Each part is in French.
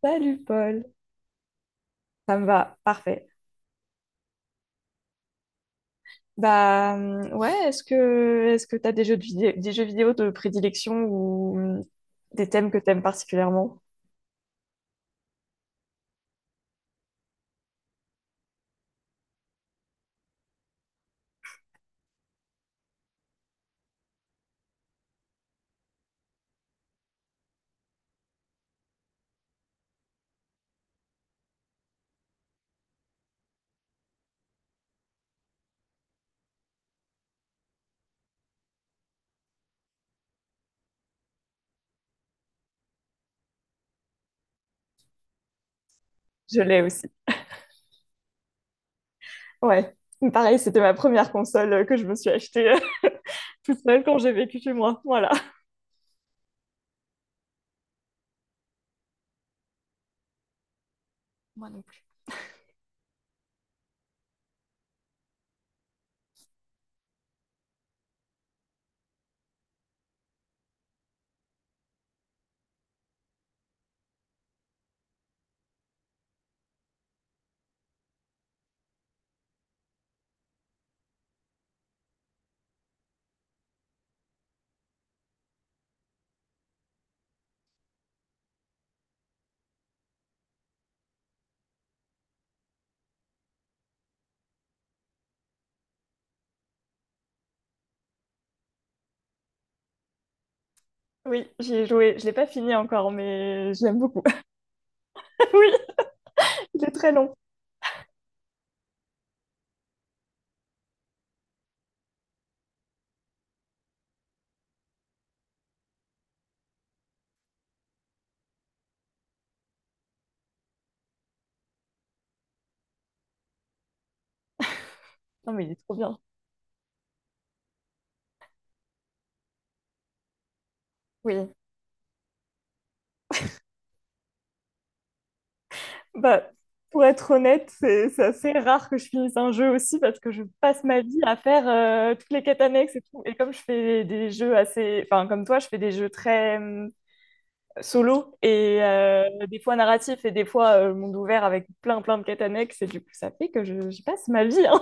Salut Paul, ça me va, parfait. Ouais, est-ce que t'as des jeux vidéo de prédilection ou des thèmes que t'aimes particulièrement? Je l'ai aussi. Ouais, pareil, c'était ma première console que je me suis achetée toute seule quand j'ai vécu chez moi. Voilà. Moi non plus. Oui, j'y ai joué. Je l'ai pas fini encore, mais je l'aime beaucoup. Oui, il est très long. Non mais il est trop bien. Oui. Bah, pour être honnête, c'est assez rare que je finisse un jeu aussi parce que je passe ma vie à faire toutes les quêtes annexes et tout. Et comme je fais des jeux assez... Enfin, comme toi, je fais des jeux très solo et des fois narratifs et des fois monde ouvert avec plein plein de quêtes annexes. Et du coup, ça fait que je passe ma vie, hein.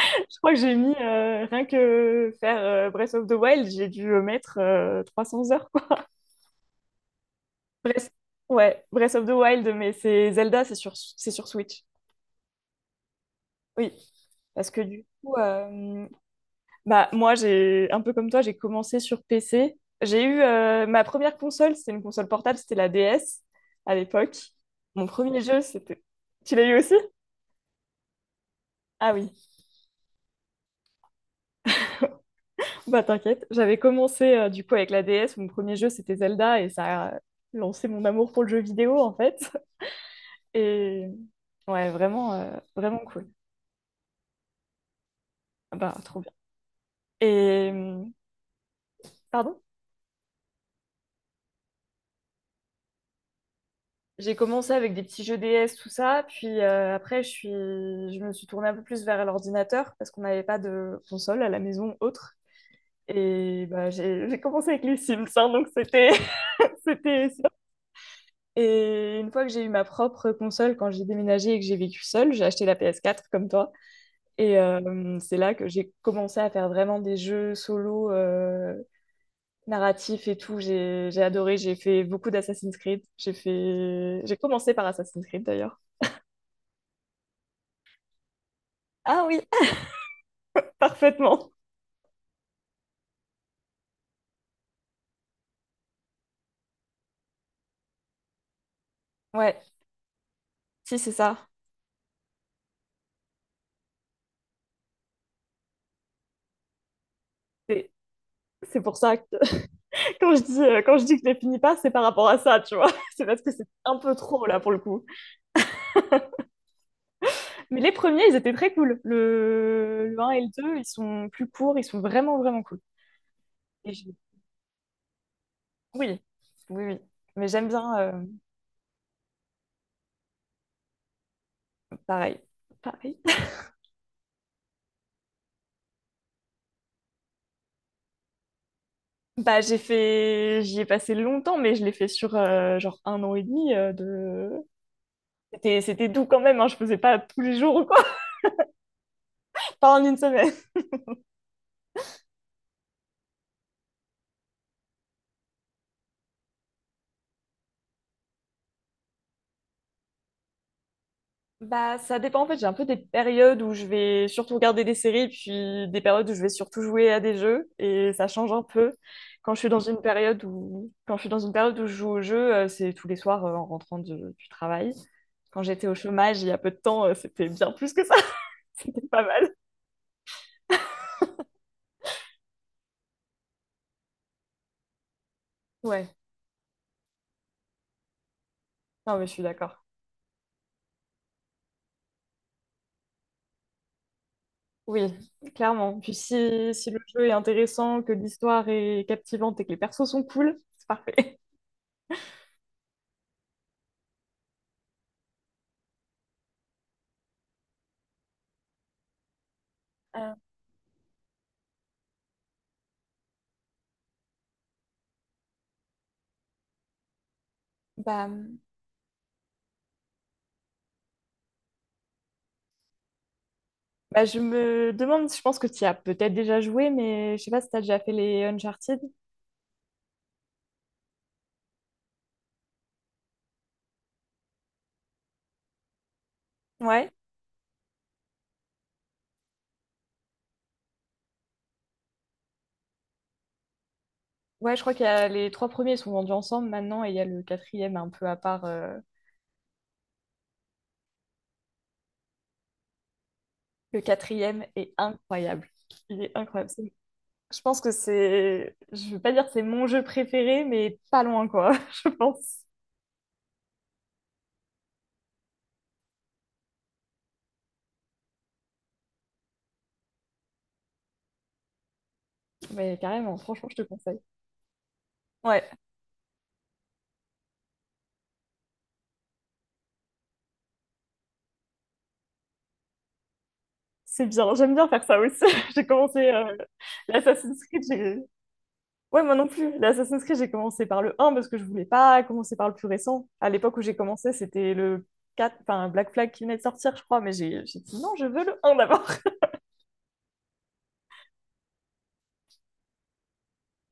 Je crois que j'ai mis, rien que faire Breath of the Wild, j'ai dû mettre 300 heures, quoi. Breath... Ouais, Breath of the Wild, mais c'est Zelda, c'est sur Switch. Oui, parce que du coup, bah, moi, j'ai un peu comme toi, j'ai commencé sur PC. J'ai eu ma première console, c'était une console portable, c'était la DS à l'époque. Mon premier jeu, c'était... Tu l'as eu aussi? Ah oui, bah t'inquiète. J'avais commencé du coup avec la DS, mon premier jeu, c'était Zelda, et ça a lancé mon amour pour le jeu vidéo, en fait. Et ouais, vraiment, vraiment cool. Ah bah, trop bien. Et... euh, Pardon? J'ai commencé avec des petits jeux DS, tout ça, puis après je suis... je me suis tournée un peu plus vers l'ordinateur parce qu'on n'avait pas de console à la maison autre. Et bah, j'ai commencé avec les Sims, hein, donc c'était c'était ça. Et une fois que j'ai eu ma propre console, quand j'ai déménagé et que j'ai vécu seule, j'ai acheté la PS4 comme toi. Et c'est là que j'ai commencé à faire vraiment des jeux solo narratifs et tout. J'ai adoré, j'ai fait beaucoup d'Assassin's Creed. J'ai fait... j'ai commencé par Assassin's Creed d'ailleurs. Ah oui, parfaitement. Ouais, si, c'est ça. C'est c'est pour ça que quand je dis que je les finis pas, c'est par rapport à ça, tu vois. C'est parce que c'est un peu trop là pour le coup. Mais les premiers, ils étaient très cool. Le un et le deux, ils sont plus courts, ils sont vraiment, vraiment cool. Et j'ai- Oui, oui, oui. Mais j'aime bien. Pareil. Pareil. Bah, j'ai fait... J'y ai passé longtemps, mais je l'ai fait sur genre un an et demi de... C'était, c'était doux quand même, hein, je faisais pas tous les jours ou quoi, pas en une semaine. Bah, ça dépend en fait. J'ai un peu des périodes où je vais surtout regarder des séries, puis des périodes où je vais surtout jouer à des jeux, et ça change un peu. Quand je suis dans une période où je joue au jeu, c'est tous les soirs en rentrant de- du travail. Quand j'étais au chômage il y a peu de temps, c'était bien plus que ça. C'était pas mal. Ouais, non mais je suis d'accord. Oui, clairement. Puis si, si le jeu est intéressant, que l'histoire est captivante et que les persos sont cool, c'est parfait. Euh, bah, Bah, je me demande, je pense que tu y as peut-être déjà joué, mais je sais pas si tu as déjà fait les Uncharted. Ouais, ouais, je crois qu'il y a les trois premiers sont vendus ensemble maintenant et il y a le quatrième un peu à part. Le quatrième est incroyable. Il est incroyable. C'est- Je pense que c'est, je veux pas dire que c'est mon jeu préféré, mais pas loin quoi, je pense. Mais carrément, franchement, je te conseille. Ouais, c'est bien. J'aime bien faire ça aussi. J'ai commencé l'Assassin's Creed, j'ai Ouais, moi non plus. L'Assassin's Creed, j'ai commencé par le un parce que je voulais pas commencer par le plus récent. À l'époque où j'ai commencé, c'était le 4 enfin Black Flag qui venait de sortir, je crois, mais j'ai dit non, je veux le un d'abord.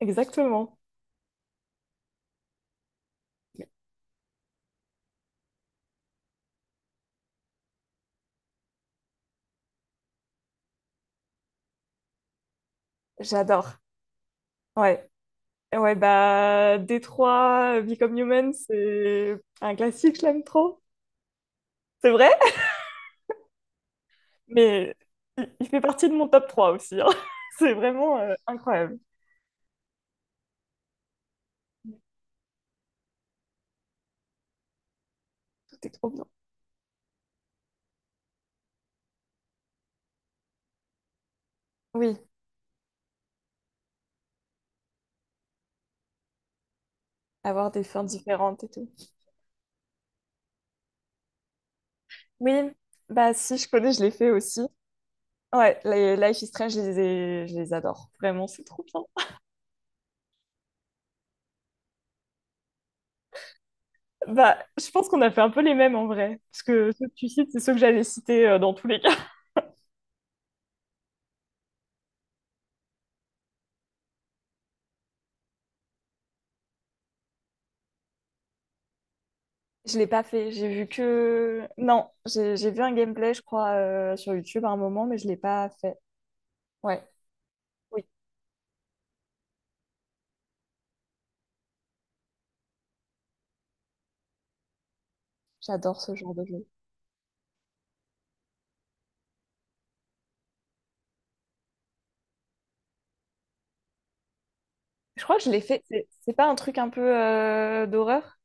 Exactement. J'adore. Ouais. Ouais, bah, Détroit, Become Human, c'est un classique, je l'aime trop. C'est vrai, mais il fait partie de mon top 3 aussi, hein. C'est vraiment incroyable. Tout est trop bien. Oui, avoir des fins différentes et tout. Oui, bah si, je connais, je l'ai fait aussi. Ouais, les Life is Strange, je les adore. Vraiment, c'est trop bien. Bah, je pense qu'on a fait un peu les mêmes en vrai. Parce que ceux que tu cites, c'est ceux que j'allais citer dans tous les cas. Je l'ai pas fait. J'ai vu que. Non, j'ai vu un gameplay, je crois, sur YouTube à un moment, mais je l'ai pas fait. Ouais, oui, j'adore ce genre de jeu. Je crois que je l'ai fait. C'est pas un truc un peu d'horreur?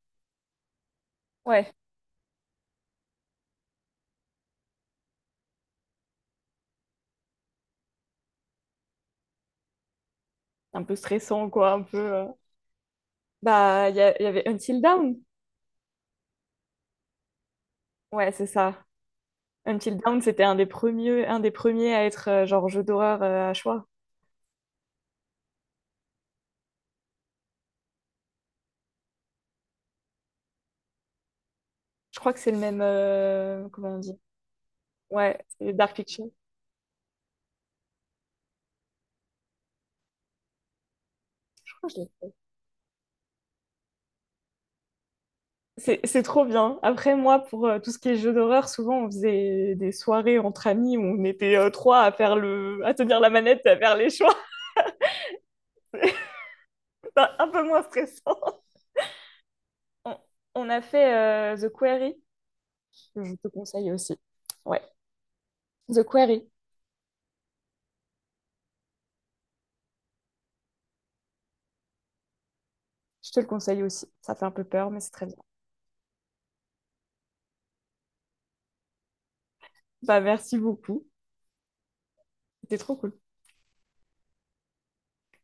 Ouais, un peu stressant, quoi. Un peu. Bah, il y avait Until Dawn. Ouais, c'est ça. Until Dawn, c'était un des premiers à être genre jeu d'horreur à choix. Je crois que c'est le même. Comment on dit? Ouais, c'est Dark Picture. Je crois que je l'ai. C'est trop bien. Après, moi, pour tout ce qui est jeu d'horreur, souvent on faisait des soirées entre amis où on était trois à faire le... à tenir la manette, et à faire les choix. C'est un peu moins stressant. On, on a fait The Quarry, que je te conseille aussi. Ouais, The Quarry, je te le conseille aussi. Ça fait un peu peur, mais c'est très bien. Bah, merci beaucoup. C'était trop cool.